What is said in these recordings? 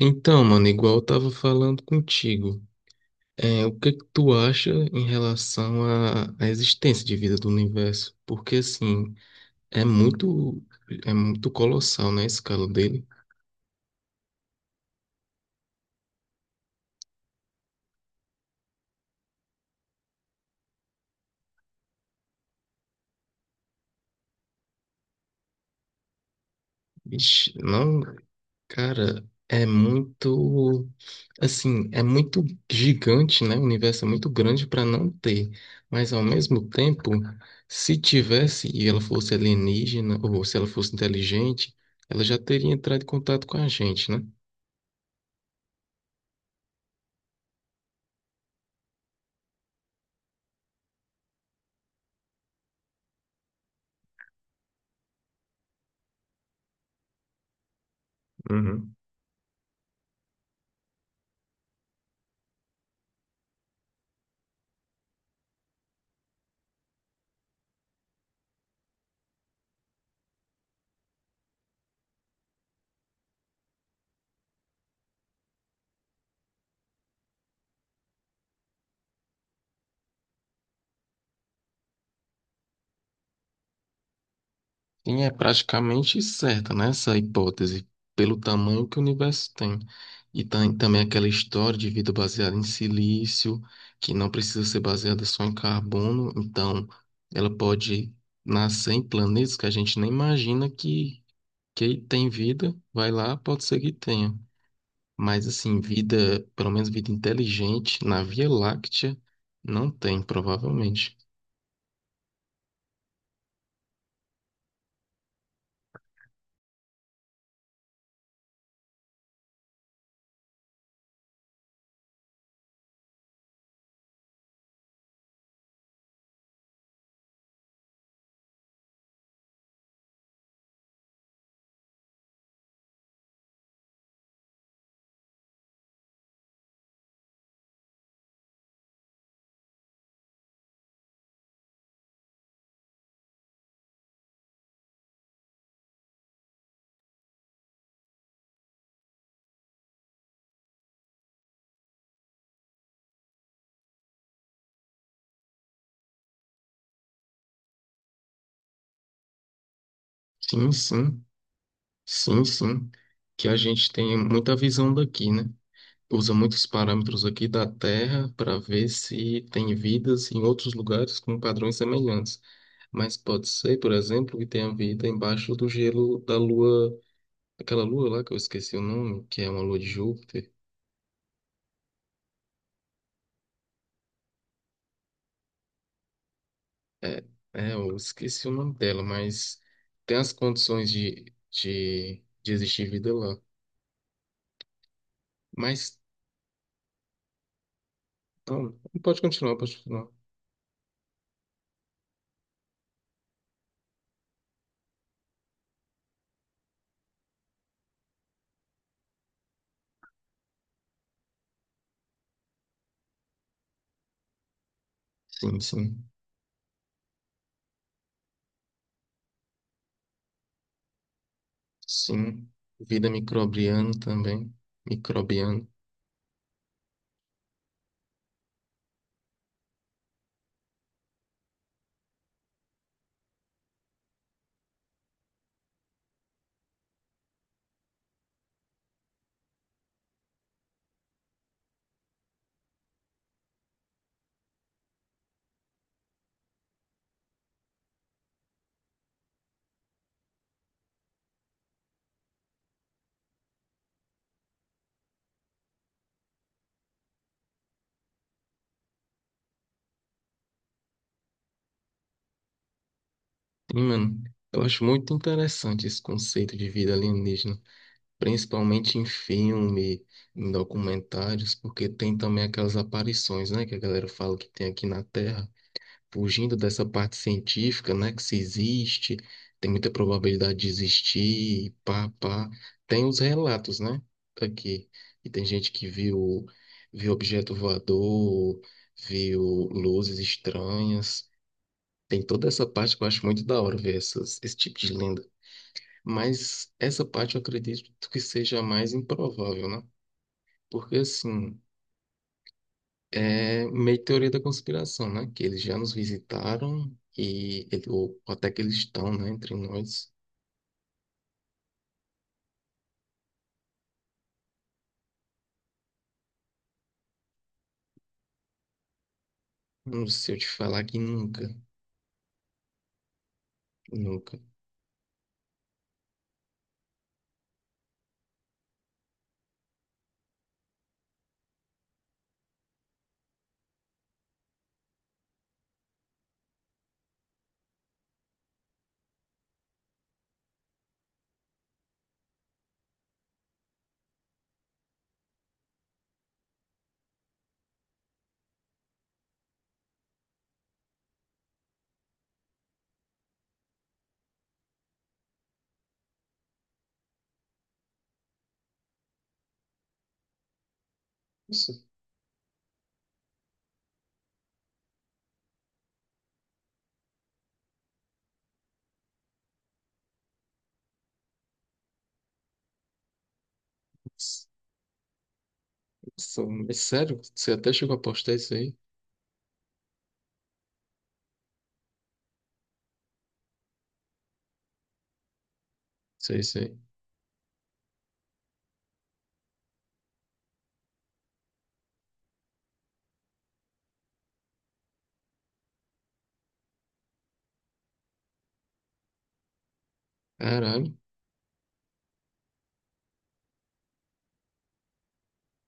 Então, mano, igual eu tava falando contigo, o que é que tu acha em relação à existência de vida do universo? Porque, assim, é muito, é muito colossal, né, a escala dele. Ixi, não, cara, assim, é muito gigante, né? O universo é muito grande para não ter. Mas ao mesmo tempo, se tivesse e ela fosse alienígena ou se ela fosse inteligente, ela já teria entrado em contato com a gente, né? Uhum. Sim, é praticamente certa, né, essa hipótese, pelo tamanho que o universo tem. E também aquela história de vida baseada em silício, que não precisa ser baseada só em carbono, então ela pode nascer em planetas que a gente nem imagina que, tem vida, vai lá, pode ser que tenha. Mas assim, vida, pelo menos vida inteligente, na Via Láctea, não tem, provavelmente. Sim, sim. Sim, sim, que a gente tem muita visão daqui, né? Usa muitos parâmetros aqui da Terra para ver se tem vidas em outros lugares com padrões semelhantes. Mas pode ser, por exemplo, que tenha vida embaixo do gelo da Lua, aquela Lua lá que eu esqueci o nome, que é uma Lua de Júpiter. É, é, eu esqueci o nome dela, mas tem as condições de, existir vida lá. Mas, não, pode continuar, pode continuar. Sim, sim. Sim, vida microbiana também. Microbiana. Sim, mano, eu acho muito interessante esse conceito de vida alienígena, principalmente em filme, em documentários, porque tem também aquelas aparições, né, que a galera fala que tem aqui na Terra. Fugindo dessa parte científica, né, que se existe, tem muita probabilidade de existir, e pá, pá. Tem os relatos, né, aqui. E tem gente que viu objeto voador, viu luzes estranhas. Tem toda essa parte que eu acho muito da hora ver esse tipo de lenda. Mas essa parte eu acredito que seja a mais improvável, né? Porque assim, é meio teoria da conspiração, né? Que eles já nos visitaram e ou até que eles estão, né, entre nós. Não sei eu te falar que nunca, nunca. Isso, isso, é sério? Você até chegou a postar isso aí? Sei, sei. Caralho.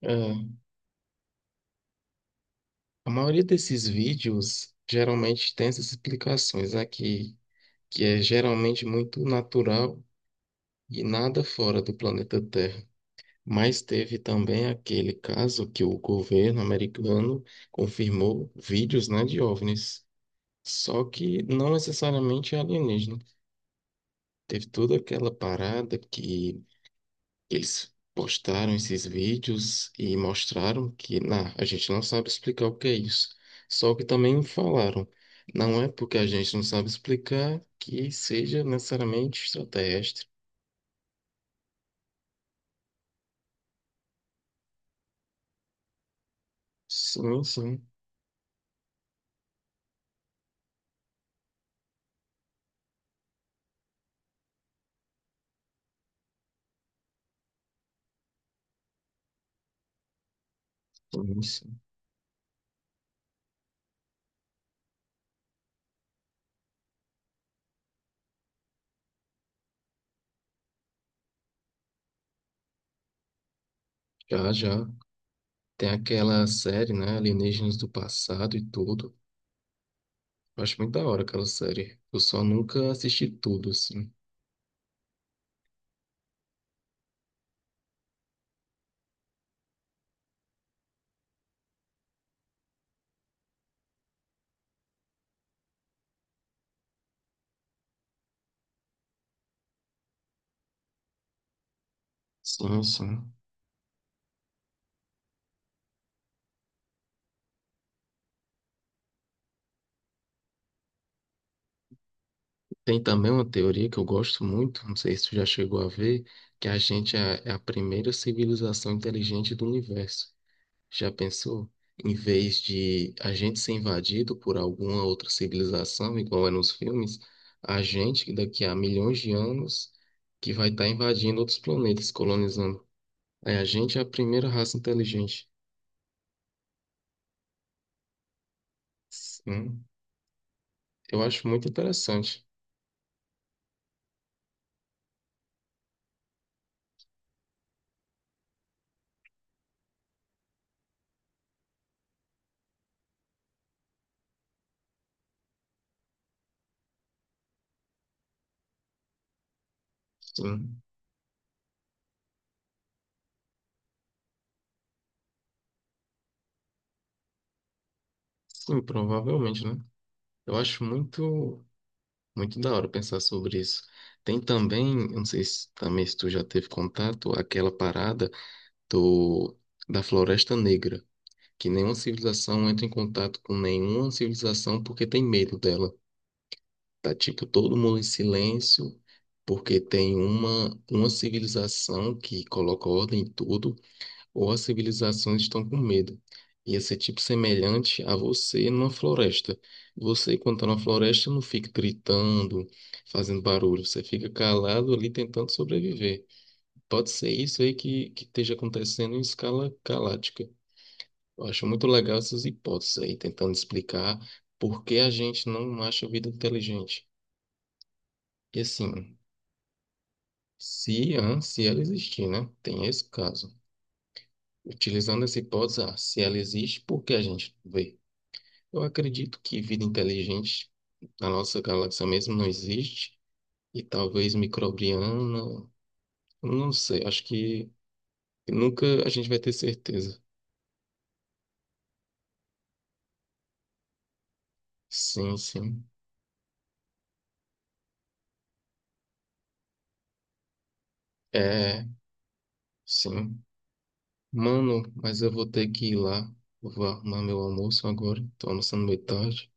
É, a maioria desses vídeos geralmente tem essas explicações aqui, que é geralmente muito natural e nada fora do planeta Terra. Mas teve também aquele caso que o governo americano confirmou vídeos, né, de OVNIs, só que não necessariamente alienígena. Teve toda aquela parada que eles postaram esses vídeos e mostraram que, a gente não sabe explicar o que é isso. Só que também falaram, não é porque a gente não sabe explicar que seja necessariamente extraterrestre. Sim, sim, sim, sim. Já, já. Tem aquela série, né? Alienígenas do passado e tudo. Eu acho muito da hora aquela série. Eu só nunca assisti tudo, assim. Sim, sim. Tem também uma teoria que eu gosto muito, não sei se tu já chegou a ver, que a gente é a primeira civilização inteligente do universo. Já pensou? Em vez de a gente ser invadido por alguma outra civilização, igual é nos filmes, a gente, que daqui a milhões de anos, que vai estar invadindo outros planetas, colonizando. É, a gente é a primeira raça inteligente. Sim, eu acho muito interessante. Sim, sim, provavelmente, né? Eu acho muito, muito da hora pensar sobre isso. Tem também, eu não sei se também se tu já teve contato, aquela parada do, da Floresta Negra, que nenhuma civilização entra em contato com nenhuma civilização porque tem medo dela. Tá tipo todo mundo em silêncio, porque tem uma civilização que coloca ordem em tudo. Ou as civilizações estão com medo. Ia ser tipo semelhante a você numa floresta. Você, quando tá na floresta, não fica gritando, fazendo barulho. Você fica calado ali tentando sobreviver. Pode ser isso aí que, esteja acontecendo em escala galáctica. Eu acho muito legal essas hipóteses aí, tentando explicar por que a gente não acha vida inteligente. E assim, se ela existir, né? Tem esse caso. Utilizando essa hipótese, se ela existe, por que a gente não vê? Eu acredito que vida inteligente na nossa galáxia mesmo não existe, e talvez microbiana, não sei, acho que nunca a gente vai ter certeza. Sim, sim. É, sim. Mano, mas eu vou ter que ir lá. Eu vou arrumar meu almoço agora. Tô almoçando meio tarde.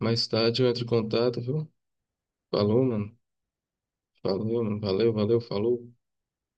Mais tarde eu entro em contato, viu? Falou, mano. Falou, mano. Valeu, valeu, falou.